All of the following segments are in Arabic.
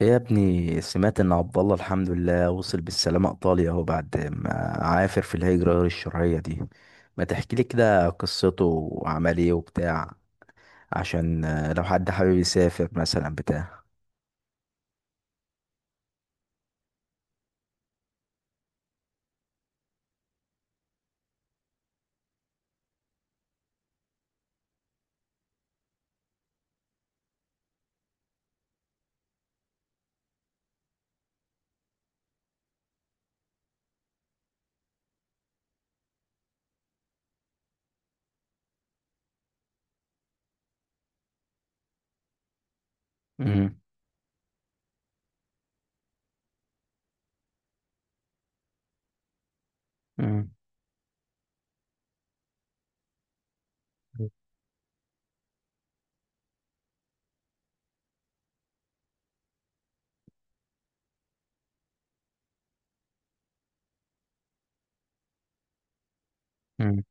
إيه يا ابني، سمعت ان عبد الله الحمد لله وصل بالسلامة ايطاليا اهو بعد ما عافر في الهجرة غير الشرعية دي. ما تحكي لي كده قصته وعمل ايه وبتاع، عشان لو حد حابب يسافر مثلا بتاع. مم. مم. مم.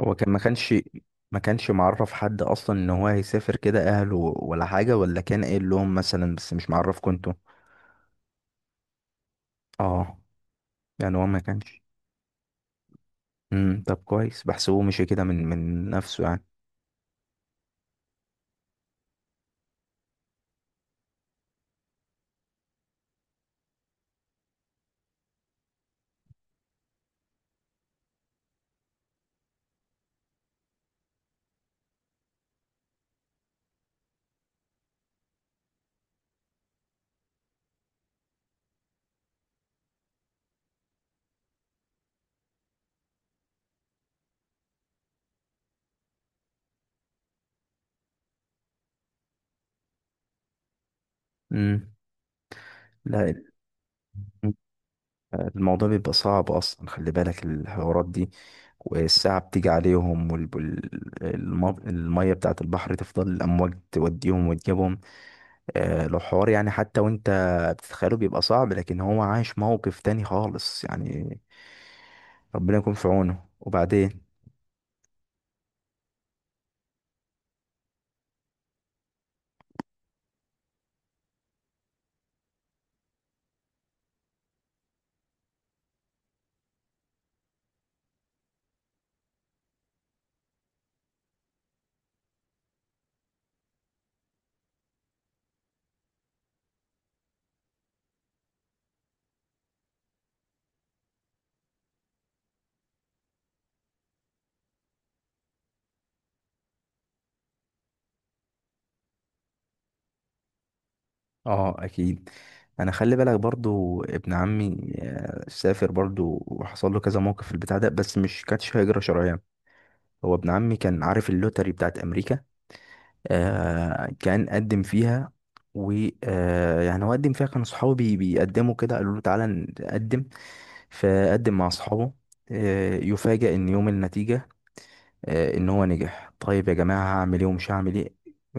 هو كان ما كانش معرف حد اصلا ان هو هيسافر كده، اهله ولا حاجة، ولا كان قايل لهم مثلا؟ بس مش معرف كنتوا. اه، يعني هو ما كانش. مم. طب كويس، بحسبه مشي كده من نفسه يعني. مم. لا، الموضوع بيبقى صعب اصلا، خلي بالك الحوارات دي والساعة بتيجي عليهم والمية بتاعت البحر تفضل الأمواج توديهم وتجيبهم. لو حوار يعني حتى وانت بتتخيله بيبقى صعب، لكن هو عايش موقف تاني خالص يعني. ربنا يكون في عونه. وبعدين اه، اكيد. انا خلي بالك برضو ابن عمي سافر برضو وحصل له كذا موقف في البتاع ده، بس مش كانتش هجرة شرعية. هو ابن عمي كان عارف اللوتري بتاعت امريكا. آه، كان قدم فيها. و يعني هو قدم فيها، كان صحابه بيقدموا كده، قالوا له تعالى نقدم، فقدم مع اصحابه. آه، يفاجأ ان يوم النتيجة آه ان هو نجح. طيب يا جماعة هعمل ايه ومش هعمل ايه؟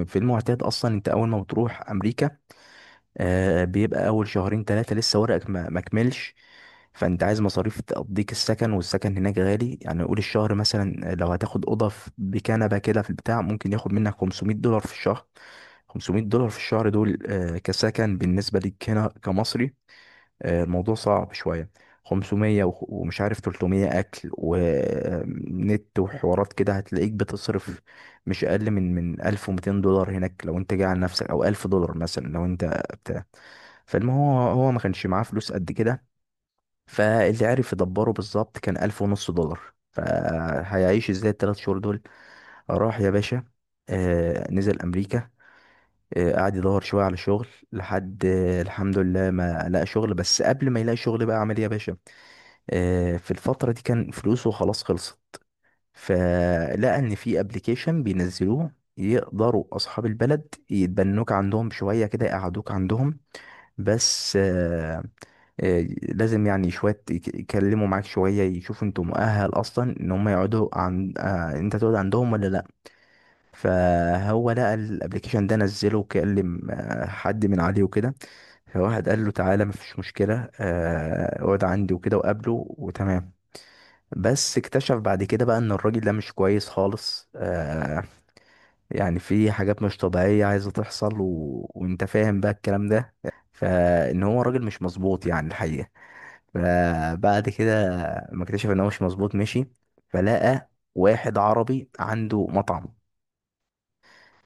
في المعتاد اصلا انت اول ما بتروح امريكا، بيبقى اول شهرين ثلاثه لسه ورقك ما كملش. فانت عايز مصاريف تقضيك السكن، والسكن هناك غالي يعني. قول الشهر مثلا لو هتاخد اوضه بكنبه كده في البتاع، ممكن ياخد منك $500 في الشهر. $500 في الشهر دول كسكن بالنسبه ليك هنا كمصري، الموضوع صعب شوية. ومش عارف، 300 أكل ونت وحوارات كده هتلاقيك بتصرف مش أقل من $1200 هناك لو أنت جاي على نفسك، أو $1000 مثلا لو أنت بتاع. فالمهم هو ما كانش معاه فلوس قد كده، فاللي عرف يدبره بالظبط كان 1000 ونص دولار. فهيعيش إزاي التلات شهور دول؟ راح يا باشا. نزل أمريكا. قعد يدور شوية على شغل لحد الحمد لله ما لقى شغل. بس قبل ما يلاقي شغل بقى عمل ايه يا باشا؟ في الفترة دي كان فلوسه خلاص خلصت، فلقى ان في ابلكيشن بينزلوه يقدروا اصحاب البلد يتبنوك عندهم شوية كده، يقعدوك عندهم. بس لازم يعني شوية يكلموا معاك شوية يشوفوا انتوا مؤهل اصلا ان هم يقعدوا عن انت تقعد عندهم ولا لا. فهو لقى الابلكيشن ده نزله وكلم حد من عليه وكده. فواحد قال له تعالى مفيش مشكلة، اقعد عندي وكده، وقابله وتمام. بس اكتشف بعد كده بقى ان الراجل ده مش كويس خالص. يعني في حاجات مش طبيعية عايزة تحصل، و... وانت فاهم بقى الكلام ده، فان هو راجل مش مظبوط يعني الحقيقة. فبعد كده ما اكتشف ان هو مش مظبوط، مشي. فلقى واحد عربي عنده مطعم.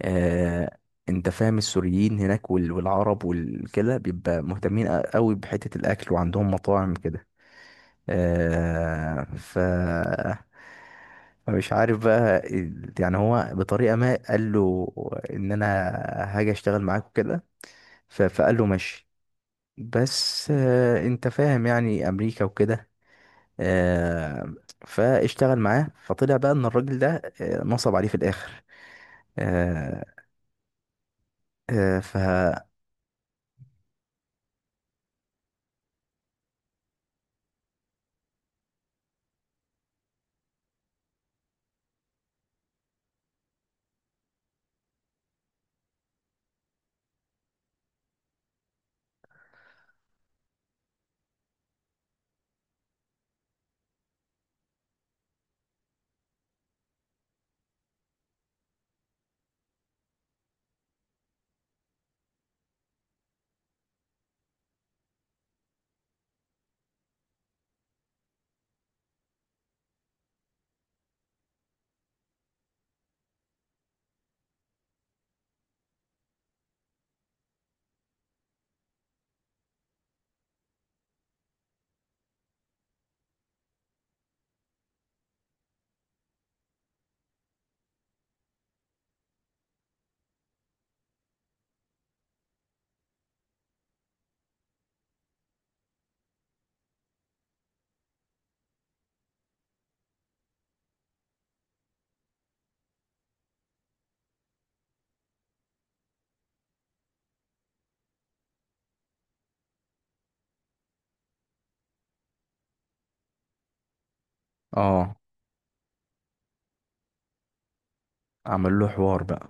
آه، انت فاهم السوريين هناك والعرب والكده بيبقى مهتمين قوي بحتة الاكل وعندهم مطاعم كده. آه ف فمش عارف بقى يعني هو بطريقة ما قال له ان انا هاجي اشتغل معاك وكده. فقال له ماشي. بس آه، انت فاهم يعني امريكا وكده. آه، فاشتغل معاه. فطلع بقى ان الراجل ده نصب عليه في الاخر. آه آه ف اه عمل له حوار بقى.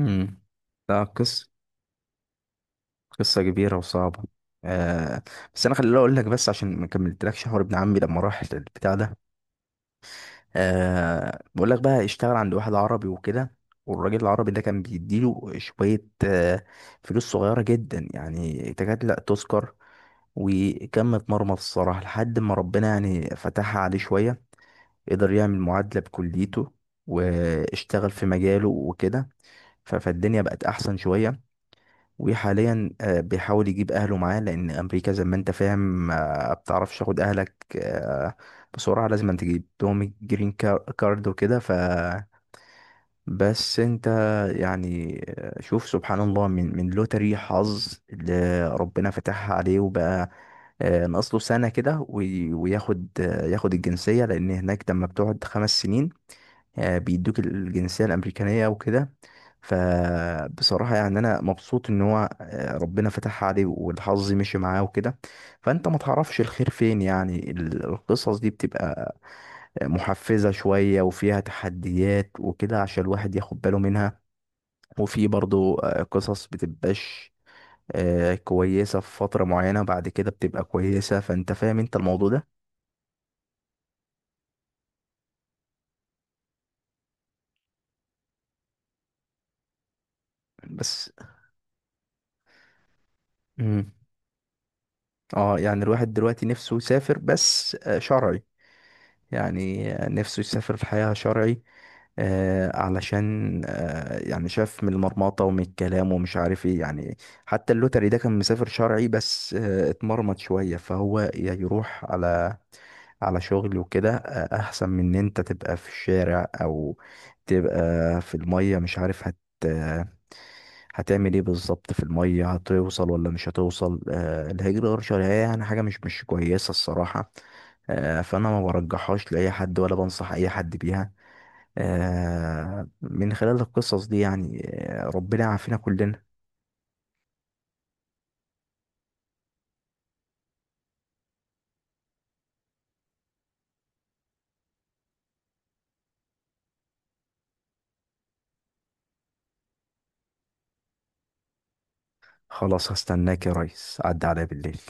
امم. لا، قصة. قصة كبيرة وصعبة. آه. بس أنا خليني أقول لك، بس عشان ما كملتلكش حوار ابن عمي لما راح البتاع ده. بقول لك بقى، اشتغل عند واحد عربي وكده، والراجل العربي ده كان بيديله شوية فلوس صغيرة جدا يعني تكاد لا تذكر. وكم اتمرمط الصراحة، لحد ما ربنا يعني فتحها عليه شوية. قدر يعمل معادلة بكليته، واشتغل في مجاله وكده. فالدنيا بقت أحسن شوية. وحاليا بيحاول يجيب اهله معاه، لان امريكا زي ما انت فاهم بتعرفش تاخد اهلك آه، بسرعه. لازم أن تجيب لهم كارد وكده. ف، بس انت يعني شوف سبحان الله، من لوتري حظ اللي ربنا فتحها عليه، وبقى ناقص له سنه كده وياخد ياخد الجنسيه، لان هناك لما بتقعد 5 سنين بيدوك الجنسية الأمريكانية وكده. فبصراحة يعني أنا مبسوط إن هو ربنا فتحها عليه والحظ مشي معاه وكده. فأنت ما تعرفش الخير فين يعني. القصص دي بتبقى محفزة شوية وفيها تحديات وكده، عشان الواحد ياخد باله منها. وفي برضو قصص بتبقاش كويسة في فترة معينة، بعد كده بتبقى كويسة. فأنت فاهم أنت الموضوع ده بس. مم. اه، يعني الواحد دلوقتي نفسه يسافر، بس شرعي. يعني نفسه يسافر في حياة شرعي. علشان يعني شاف من المرمطة ومن الكلام ومش عارف ايه يعني. حتى اللوتري ده كان مسافر شرعي، بس آه اتمرمط شوية. فهو يا يروح على على شغل وكده، آه، احسن من ان انت تبقى في الشارع، او تبقى في المية مش عارف هتعمل ايه بالظبط. في المية هتوصل ولا مش هتوصل؟ آه، الهجرة غير شرعية يعني حاجة مش كويسة الصراحة. آه، فأنا ما برجحهاش لأي حد ولا بنصح أي حد بيها من خلال القصص دي يعني. آه، ربنا يعافينا كلنا. خلاص، هستناك يا ريس، عدى عليا بالليل.